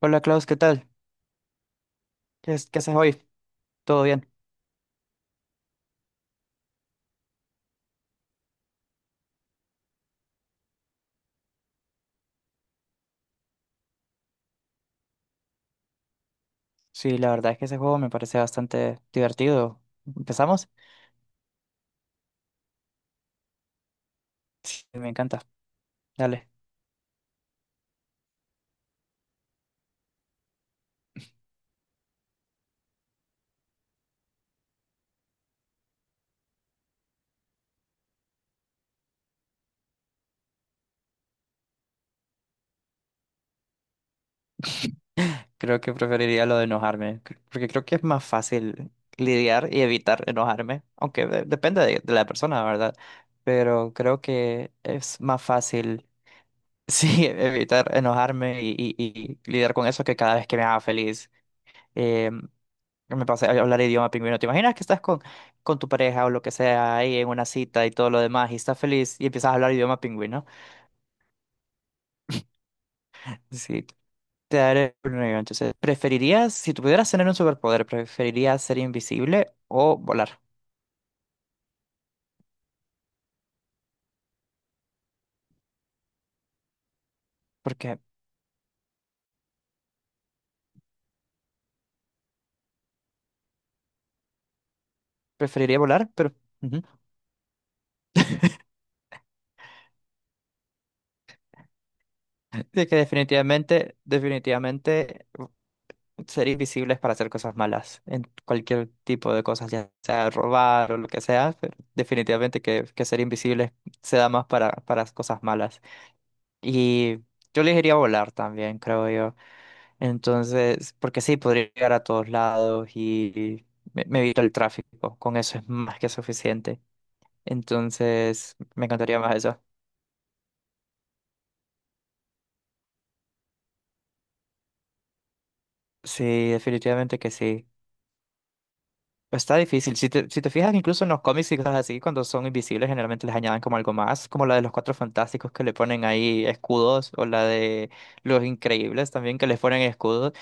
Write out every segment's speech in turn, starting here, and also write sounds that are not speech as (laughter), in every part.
Hola Klaus, ¿qué tal? ¿Qué haces hoy? ¿Todo bien? Sí, la verdad es que ese juego me parece bastante divertido. ¿Empezamos? Me encanta. Dale. Creo que preferiría lo de enojarme, porque creo que es más fácil lidiar y evitar enojarme, aunque depende de la persona, ¿verdad? Pero creo que es más fácil. (laughs) Sí, evitar enojarme y lidiar con eso que cada vez que me haga feliz. Em, Me pasa a hablar idioma pingüino. ¿Te imaginas que estás con tu pareja o lo que sea ahí en una cita y todo lo demás y estás feliz y empiezas a hablar idioma pingüino? Sí, te daré un negro. Entonces, ¿preferirías, si tú pudieras tener un superpoder, preferirías ser invisible o volar? Porque preferiría volar, pero ujú. De que definitivamente, definitivamente ser invisible es para hacer cosas malas, en cualquier tipo de cosas, ya sea robar o lo que sea, pero definitivamente que ser invisible se da más para cosas malas. Y yo le diría volar también, creo yo. Entonces, porque sí, podría llegar a todos lados y me evito el tráfico. Con eso es más que suficiente. Entonces, me encantaría más eso. Sí, definitivamente que sí. Está difícil. Si te, si te fijas, incluso en los cómics y cosas así, cuando son invisibles, generalmente les añaden como algo más, como la de los Cuatro Fantásticos que le ponen ahí escudos, o la de los Increíbles también que les ponen escudos,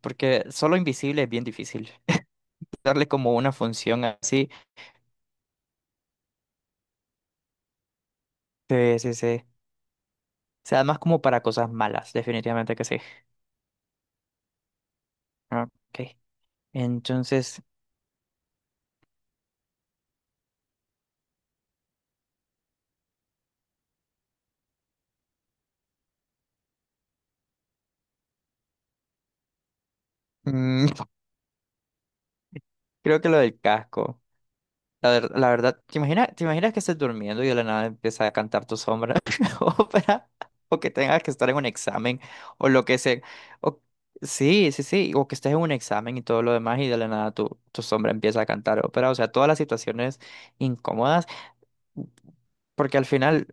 porque solo invisible es bien difícil. Darle como una función así. Sí, sí, sí. O sea, más como para cosas malas, definitivamente que sí. Ah, Ok. Entonces, mm, (laughs) creo que lo del casco. La, la verdad, te imaginas que estés durmiendo y de la nada empieza a cantar tu sombra? (laughs) Ópera. O que tengas que estar en un examen. O lo que sea. O, sí, sí, sí. O que estés en un examen y todo lo demás y de la nada tu sombra empieza a cantar ópera. O sea, todas las situaciones incómodas. Porque al final,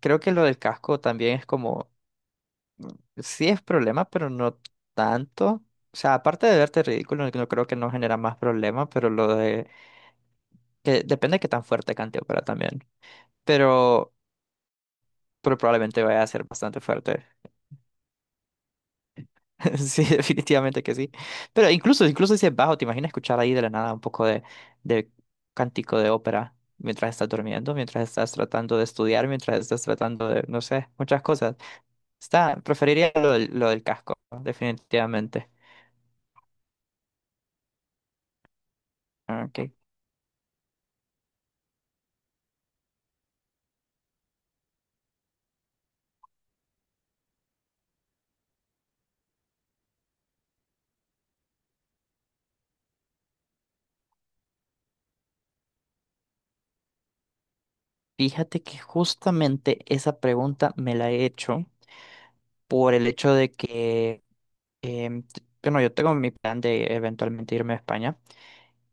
creo que lo del casco también es como. Sí es problema, pero no tanto. O sea, aparte de verte ridículo, no creo que no genera más problema, pero lo de que depende de qué tan fuerte cante ópera también. Pero, pero probablemente vaya a ser bastante fuerte. (laughs) Sí, definitivamente que sí. Pero incluso, incluso si es bajo, ¿te imaginas escuchar ahí de la nada un poco de cántico de ópera mientras estás durmiendo, mientras estás tratando de estudiar, mientras estás tratando de, no sé, muchas cosas? Está, preferiría lo del casco, definitivamente. Ah, Ok. Fíjate que justamente esa pregunta me la he hecho por el hecho de que, em, bueno, yo tengo mi plan de eventualmente irme a España.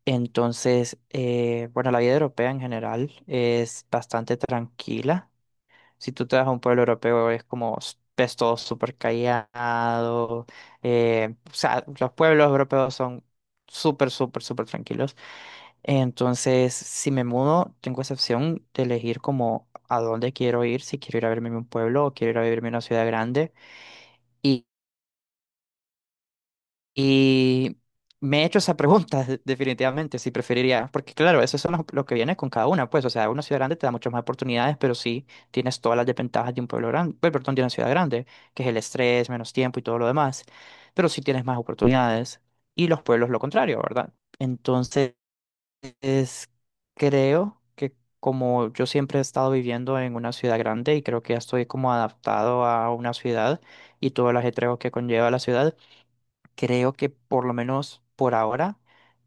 Entonces, bueno, la vida europea en general es bastante tranquila. Si tú te vas a un pueblo europeo es como, ves todo súper callado. O sea, los pueblos europeos son súper, súper, súper tranquilos. Entonces, si me mudo, tengo esa opción de elegir como a dónde quiero ir, si quiero ir a verme en un pueblo o quiero ir a vivirme en una ciudad grande. Y, y me he hecho esa pregunta. (laughs) Definitivamente, si preferiría, porque claro, eso es lo que viene con cada una, pues, o sea, una ciudad grande te da muchas más oportunidades, pero sí tienes todas las desventajas de un pueblo grande, perdón, de una ciudad grande, que es el estrés, menos tiempo y todo lo demás, pero sí tienes más oportunidades. Y los pueblos lo contrario, ¿verdad? Entonces, es, creo que como yo siempre he estado viviendo en una ciudad grande y creo que ya estoy como adaptado a una ciudad y todo el ajetreo que conlleva la ciudad, creo que por lo menos por ahora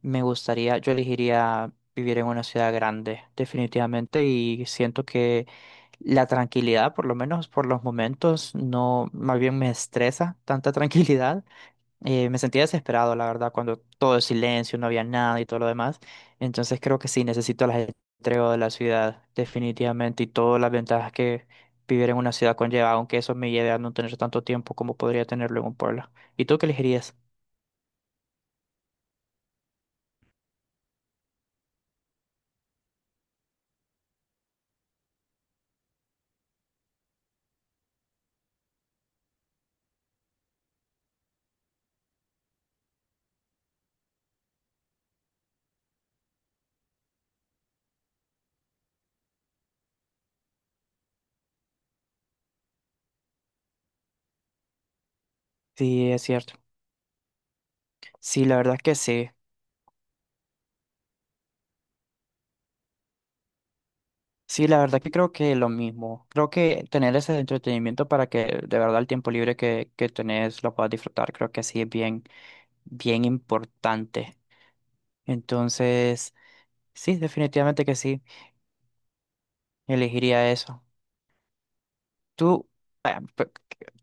me gustaría, yo elegiría vivir en una ciudad grande, definitivamente, y siento que la tranquilidad, por lo menos por los momentos, no, más bien me estresa tanta (laughs) tranquilidad. Me sentía desesperado, la verdad, cuando todo es silencio, no había nada y todo lo demás. Entonces creo que sí, necesito el ajetreo de la ciudad, definitivamente, y todas las ventajas que vivir en una ciudad conlleva, aunque eso me lleve a no tener tanto tiempo como podría tenerlo en un pueblo. ¿Y tú qué elegirías? Sí, es cierto. Sí, la verdad que sí. Sí, la verdad que creo que lo mismo. Creo que tener ese entretenimiento para que de verdad el tiempo libre que tenés lo puedas disfrutar, creo que sí es bien, bien importante. Entonces, sí, definitivamente que sí, elegiría eso. Tú, vaya,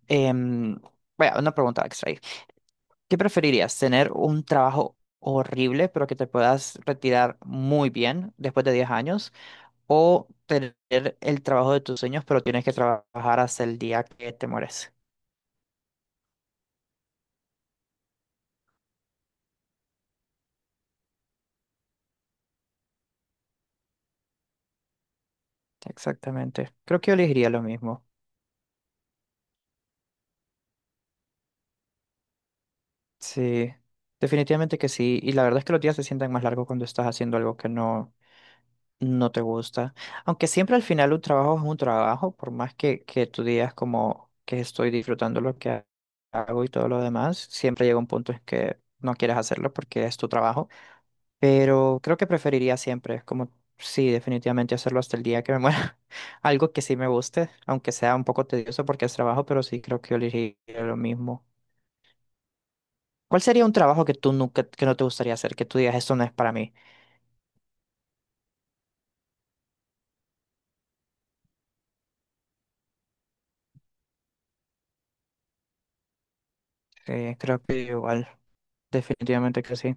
em, vaya, una pregunta extra ahí. ¿Qué preferirías, tener un trabajo horrible pero que te puedas retirar muy bien después de 10 años o tener el trabajo de tus sueños pero tienes que trabajar hasta el día que te mueres? Exactamente. Creo que yo elegiría lo mismo. Sí, definitivamente que sí. Y la verdad es que los días se sienten más largos cuando estás haciendo algo que no, no te gusta. Aunque siempre al final un trabajo es un trabajo, por más que tú digas como que estoy disfrutando lo que hago y todo lo demás, siempre llega un punto en que no quieres hacerlo porque es tu trabajo. Pero creo que preferiría siempre, es como, sí, definitivamente hacerlo hasta el día que me muera. (laughs) Algo que sí me guste, aunque sea un poco tedioso porque es trabajo, pero sí creo que yo elegiría lo mismo. ¿Cuál sería un trabajo que tú nunca, que no te gustaría hacer, que tú digas, esto no es para mí? Creo que igual, definitivamente que sí.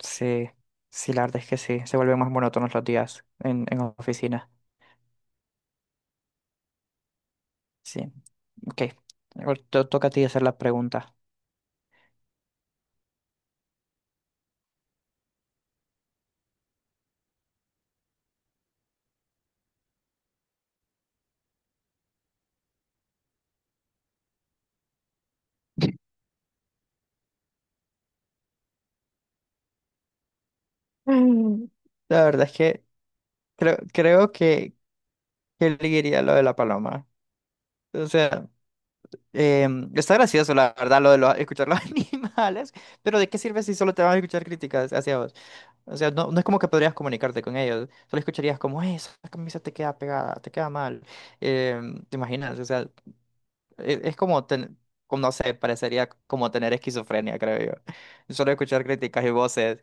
Sí, sí, la verdad es que sí. Se vuelven más monótonos los días en oficina. Sí, ok. Ahora toca a ti hacer la pregunta. (laughs) Mm. La verdad es que creo que elegiría lo de la paloma. O sea, está gracioso, la verdad, lo de escuchar los (laughs) animales, pero ¿de qué sirve si solo te van a escuchar críticas hacia vos? O sea, no, no es como que podrías comunicarte con ellos, solo escucharías como, esa camisa te queda pegada, te queda mal. ¿Te imaginas? O sea, es como, como, no sé, parecería como tener esquizofrenia, creo yo. Solo escuchar críticas y voces,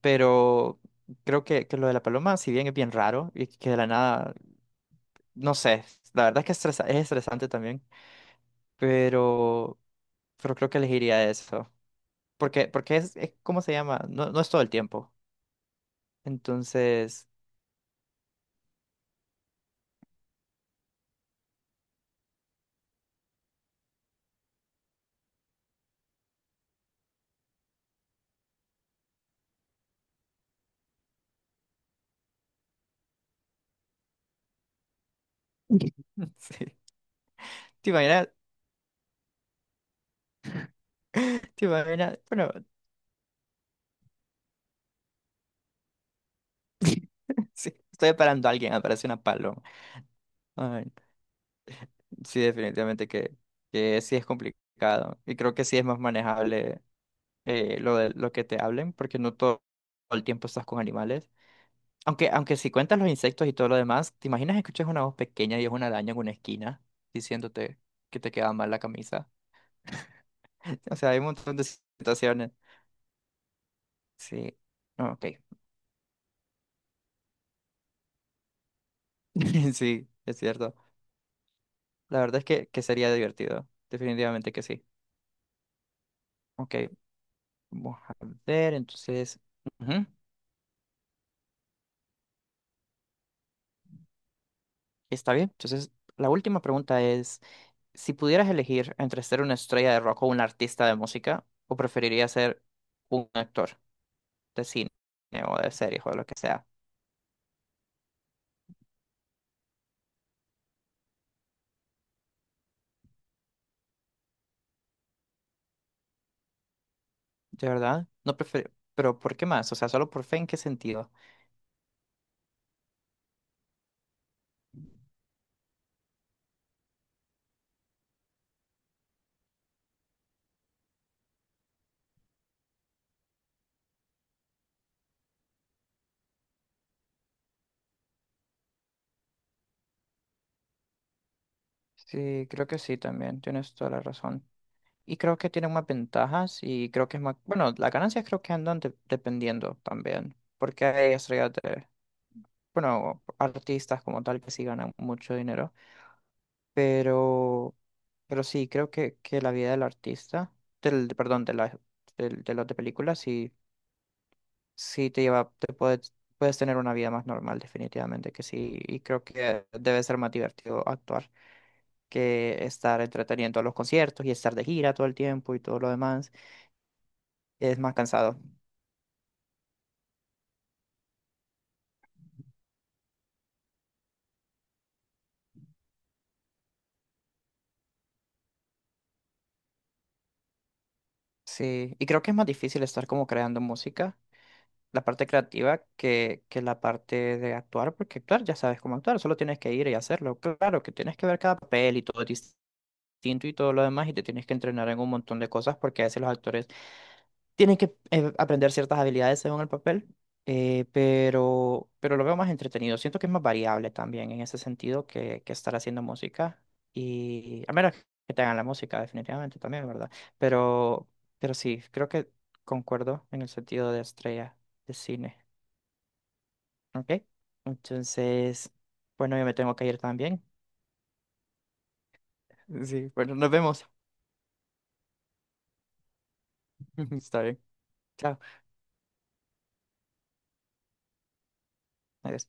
pero creo que lo de la paloma, si bien es bien raro y que de la nada, no sé, la verdad es que es estresante también, pero, pero creo que elegiría eso. Porque, porque ¿cómo se llama? No, no es todo el tiempo. Entonces, (laughs) sí. ¿Te imaginas? ¿Te imaginas? Bueno, (laughs) sí, estoy esperando a alguien, aparece una paloma. Ay, sí, definitivamente que sí es complicado. Y creo que sí es más manejable, lo de lo que te hablen, porque no todo, todo el tiempo estás con animales. Aunque, aunque si cuentas los insectos y todo lo demás, ¿te imaginas que escuchas una voz pequeña y es una araña en una esquina diciéndote que te queda mal la camisa? (laughs) O sea, hay un montón de situaciones. Sí, ah, ok. (laughs) Sí, es cierto. La verdad es que sería divertido. Definitivamente que sí. Ok, vamos a ver, entonces. Ujú. Está bien. Entonces, la última pregunta es, si pudieras elegir entre ser una estrella de rock o un artista de música, ¿o preferirías ser un actor de cine o de series o de lo que sea? ¿De verdad? No prefiero. Pero ¿por qué más? O sea, solo por fe, ¿en qué sentido? Sí, creo que sí también, tienes toda la razón. Y creo que tiene más ventajas y creo que es más. Bueno, las ganancias creo que andan dependiendo también, porque hay estrellas de. Bueno, artistas como tal que sí ganan mucho dinero, pero, pero sí, creo que la vida del artista, perdón, de la, del- de, los de películas, sí, sí te lleva, puedes tener una vida más normal, definitivamente que sí, y creo que debe ser más divertido actuar que estar entreteniendo a los conciertos y estar de gira todo el tiempo y todo lo demás, es más cansado, sí, y creo que es más difícil estar como creando música. La parte creativa que la parte de actuar, porque actuar ya sabes cómo actuar, solo tienes que ir y hacerlo. Claro que tienes que ver cada papel y todo es distinto y todo lo demás, y te tienes que entrenar en un montón de cosas, porque a veces los actores tienen que aprender ciertas habilidades según el papel, pero lo veo más entretenido. Siento que es más variable también en ese sentido que estar haciendo música, y a menos que te hagan la música, definitivamente también, ¿verdad? Pero, pero sí, creo que concuerdo en el sentido de estrella de cine. Ok. Entonces, bueno, yo me tengo que ir también. Sí, bueno, nos vemos. (laughs) Está bien. Chao. Adiós.